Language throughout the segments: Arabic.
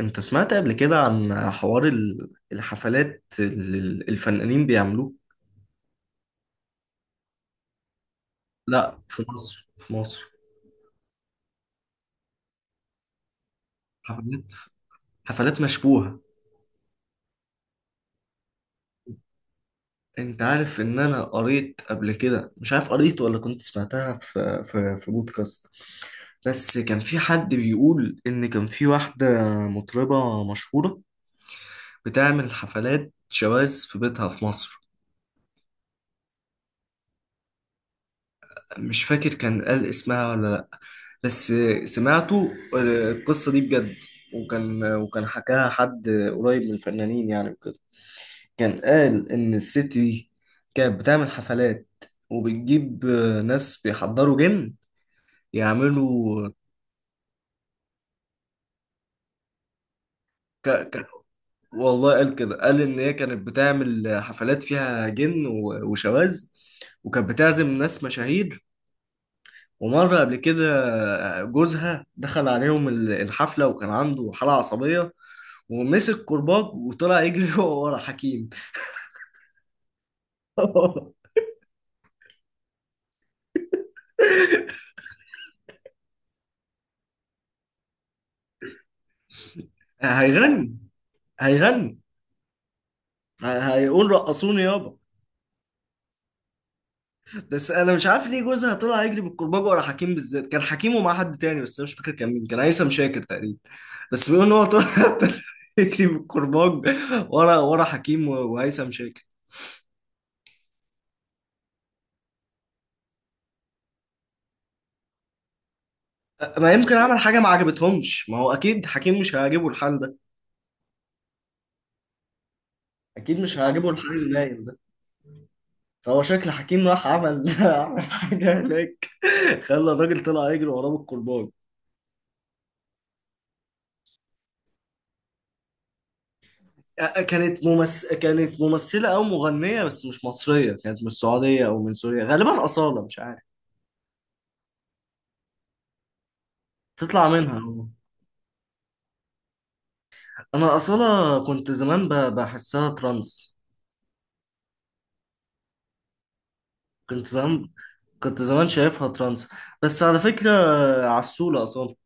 انت سمعت قبل كده عن حوار الحفلات اللي الفنانين بيعملوه. لا، في مصر، في مصر حفلات. حفلات مشبوهة. انت عارف ان انا قريت قبل كده، مش عارف قريت ولا كنت سمعتها في في بودكاست، بس كان في حد بيقول ان كان في واحدة مطربة مشهورة بتعمل حفلات شواذ في بيتها في مصر. مش فاكر كان قال اسمها ولا. بس سمعته، القصة دي بجد. وكان حكاها حد قريب من الفنانين يعني وكده. كان قال إن الست دي كانت بتعمل حفلات، وبتجيب ناس بيحضروا جن يعملوا. ك... ك... والله قال كده، قال إن هي كانت بتعمل حفلات فيها جن وشواذ، وكانت بتعزم ناس مشاهير. ومرة قبل كده جوزها دخل عليهم الحفلة وكان عنده حالة عصبية، ومسك كرباج وطلع يجري ورا حكيم. هيغني. هيغني. هيقول رقصوني يابا. بس انا مش عارف ليه جوزها طلع يجري بالكرباج ورا حكيم بالذات. كان حكيم ومع حد تاني بس انا مش فاكر كان مين، كان هيثم شاكر تقريبا. بس بيقول ان هو طلع طلع يجري بالكرباج ورا حكيم وهيثم شاكر. ما يمكن عمل حاجه ما عجبتهمش، ما هو اكيد حكيم مش هيعجبه الحال ده. اكيد مش هيعجبه الحال اللي نايم ده. فهو شكل حكيم راح عمل عمل حاجة هناك، خلى الراجل طلع يجري وراه بالكرباج. كانت ممثلة أو مغنية، بس مش مصرية، كانت من السعودية أو من سوريا، غالبا أصالة، مش عارف. تطلع منها. أنا أصالة كنت زمان بحسها ترانس. كنت زمان. كنت زمان شايفها ترانس، بس على فكرة عسولة أصالة.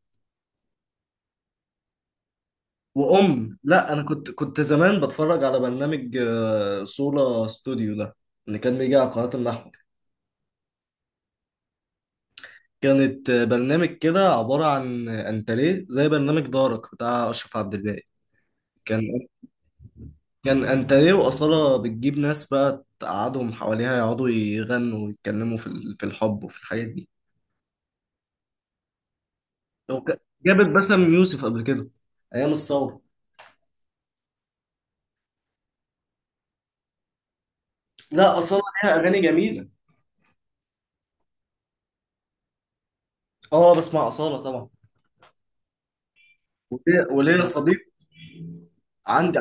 وأم لا، أنا كنت زمان بتفرج على برنامج صولة ستوديو ده، اللي كان بيجي على قناة النحو. كانت برنامج كده عبارة عن أنت ليه، زي برنامج دارك بتاع أشرف عبد الباقي. كان كان أنت ليه، وأصالة بتجيب ناس بقى تقعدهم حواليها يقعدوا يغنوا ويتكلموا في في الحب وفي الحاجات دي. وك- جابت باسم يوسف قبل كده أيام الثورة. لا، أصالة ليها أغاني جميلة. أه، بسمع أصالة طبعا. وليا صديق عندي.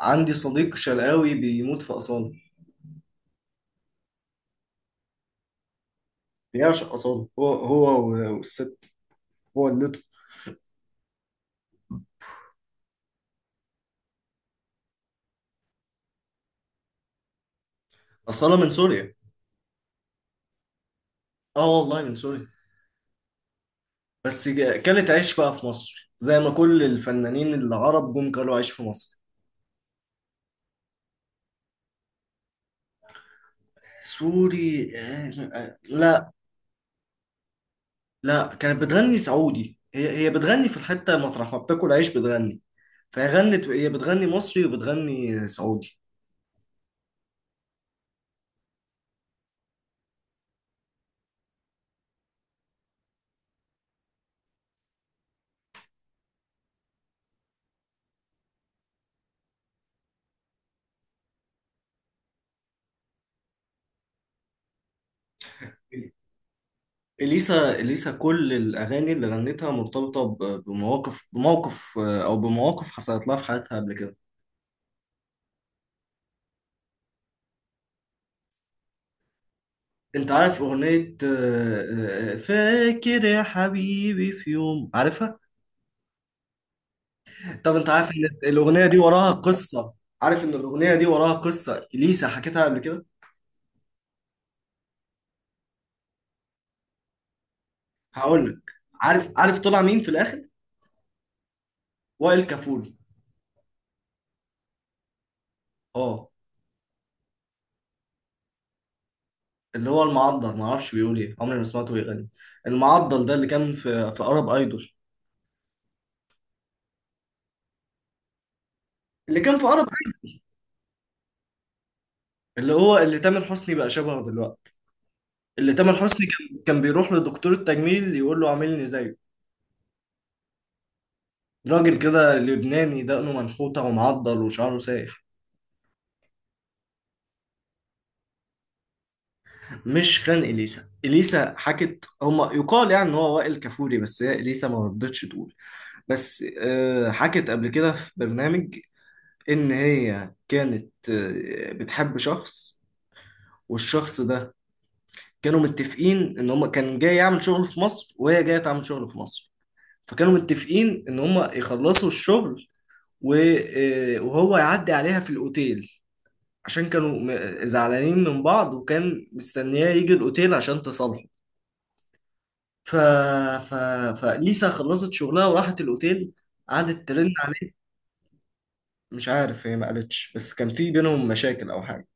عندي صديق شرقاوي بيموت في أصالة. بيعشق أصالة. هو والست، هو اللي... أصالة من سوريا. اه والله من سوريا، بس كلت عيش بقى في مصر، زي ما كل الفنانين العرب جم كلوا عيش في مصر. سوري؟ لا. لا، كانت بتغني سعودي، هي بتغني في الحتة مطرح ما بتاكل عيش بتغني. فهي غنت، هي بتغني مصري وبتغني سعودي. إليسا كل الأغاني اللي غنتها مرتبطة بمواقف، بموقف أو بمواقف حصلت لها في حياتها قبل كده. أنت عارف أغنية فاكر يا حبيبي في يوم، عارفها؟ طب انت عارف ان الاغنيه دي وراها قصه؟ عارف ان الاغنيه دي وراها قصه، اليسا حكيتها قبل كده. هقول لك. عارف طلع مين في الاخر؟ وائل كفوري. اه. اللي هو المعضل، ما اعرفش بيقول ايه، عمري ما سمعته بيغني. المعضل ده اللي كان في ارب ايدول. اللي كان في ارب ايدول، اللي هو اللي تامر حسني بقى شبهه دلوقتي. اللي تامر حسني كان بيروح لدكتور التجميل يقول له عاملني زيه. راجل كده لبناني، دقنه منحوته ومعضل وشعره سايح. مش خان اليسا، اليسا حكت، هما يقال يعني ان هو وائل كفوري، بس هي اليسا ما رضتش تقول. بس حكت قبل كده في برنامج ان هي كانت بتحب شخص. والشخص ده، كانوا متفقين ان هما، كان جاي يعمل شغل في مصر وهي جايه تعمل شغل في مصر، فكانوا متفقين ان هما يخلصوا الشغل وهو يعدي عليها في الاوتيل، عشان كانوا زعلانين من بعض، وكان مستنياه يجي الاوتيل عشان تصالحه. ف... ف... فليسا خلصت شغلها وراحت الأوتيل، قعدت ترن عليه. مش عارف، هي ما قالتش، بس كان في بينهم مشاكل أو حاجة.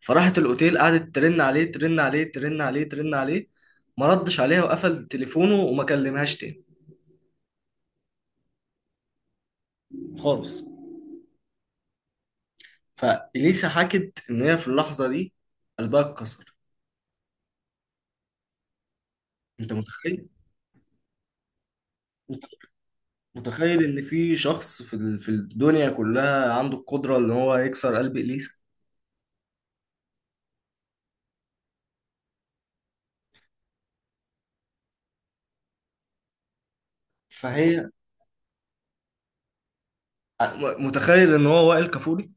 فراحت الأوتيل، قعدت ترن عليه ترن عليه ترن عليه ترن عليه. ما ردش عليها وقفل تليفونه وما كلمهاش تاني. خالص. فإليسا حكت إن هي في اللحظة دي قلبها اتكسر. أنت متخيل؟ أنت متخيل إن في شخص في في الدنيا كلها عنده القدرة إن هو يكسر قلب إليسا؟ فهي... متخيل إن هو وائل كفوري؟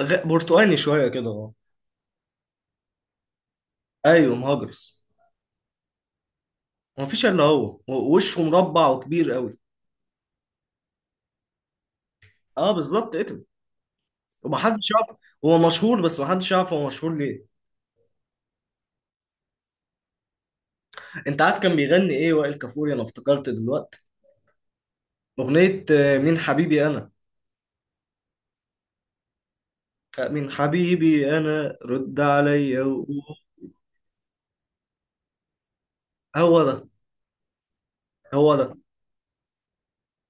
برتقاني شويه كده، اه. ايوه، مهاجرس. ما فيش الا هو، وشه مربع وكبير قوي. اه بالظبط، اتم. ومحدش يعرف هو مشهور، بس محدش يعرف هو مشهور ليه. انت عارف كان بيغني ايه وائل كفوري؟ انا افتكرت دلوقتي، اغنيه مين حبيبي انا. مين حبيبي انا، رد عليا وقول. هو ده هو ده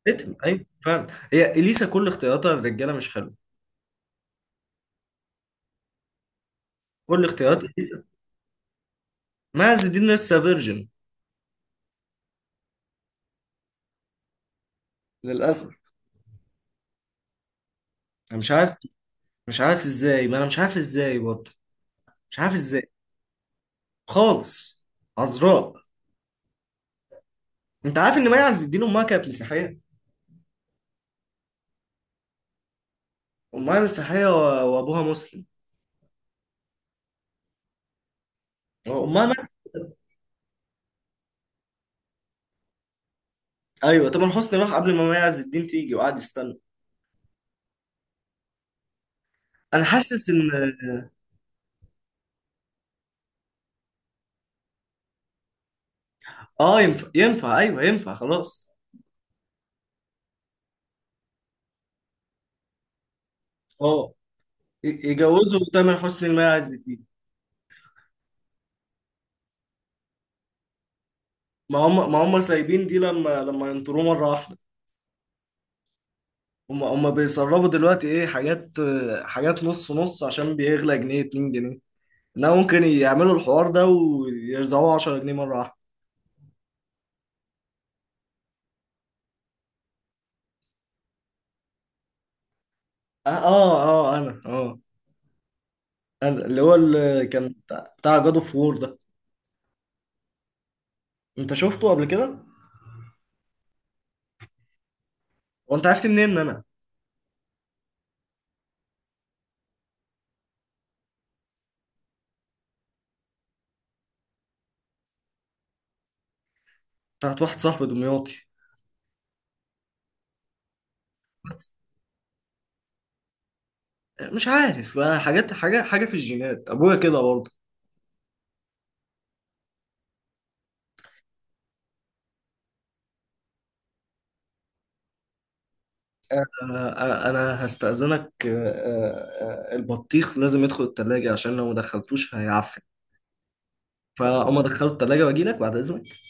اتم، ايوه فعلا. هي اليسا كل اختياراتها الرجاله مش حلوه. كل اختيارات اليسا. معز الدين لسه فيرجن، للاسف. انا مش عارف. مش عارف ازاي، ما انا مش عارف ازاي برضه. مش عارف ازاي خالص. عذراء. انت عارف ان مي عز الدين امها كانت مسيحيه. امها مسيحيه وابوها مسلم. امها ماتت. ايوه طبعا، حسني راح قبل ما مي عز الدين تيجي وقعد يستنى. انا حاسس ان... اه، ينفع. ايوه ينفع، خلاص. اه، يجوزوا تامر حسني لمي عز الدين. ما هم سايبين دي، لما ينطروه مره واحده. هم بيسربوا دلوقتي ايه حاجات، حاجات نص نص، عشان بيغلى جنيه 2 جنيه. انها ممكن يعملوا الحوار ده ويرزعوه 10 جنيه مره واحده. اه اه، انا اه، انا اللي هو اللي كان بتاع جاد اوف وور ده. انت شفته قبل كده؟ وانت عرفت منين ان انا بتاعت واحد صاحبي دمياطي؟ مش عارف، حاجات. حاجه في الجينات، ابويا كده برضه. آه، آه، انا هستأذنك، البطيخ لازم يدخل التلاجة عشان لو ما دخلتوش هيعفن. فاما دخلت التلاجة واجي لك بعد اذنك.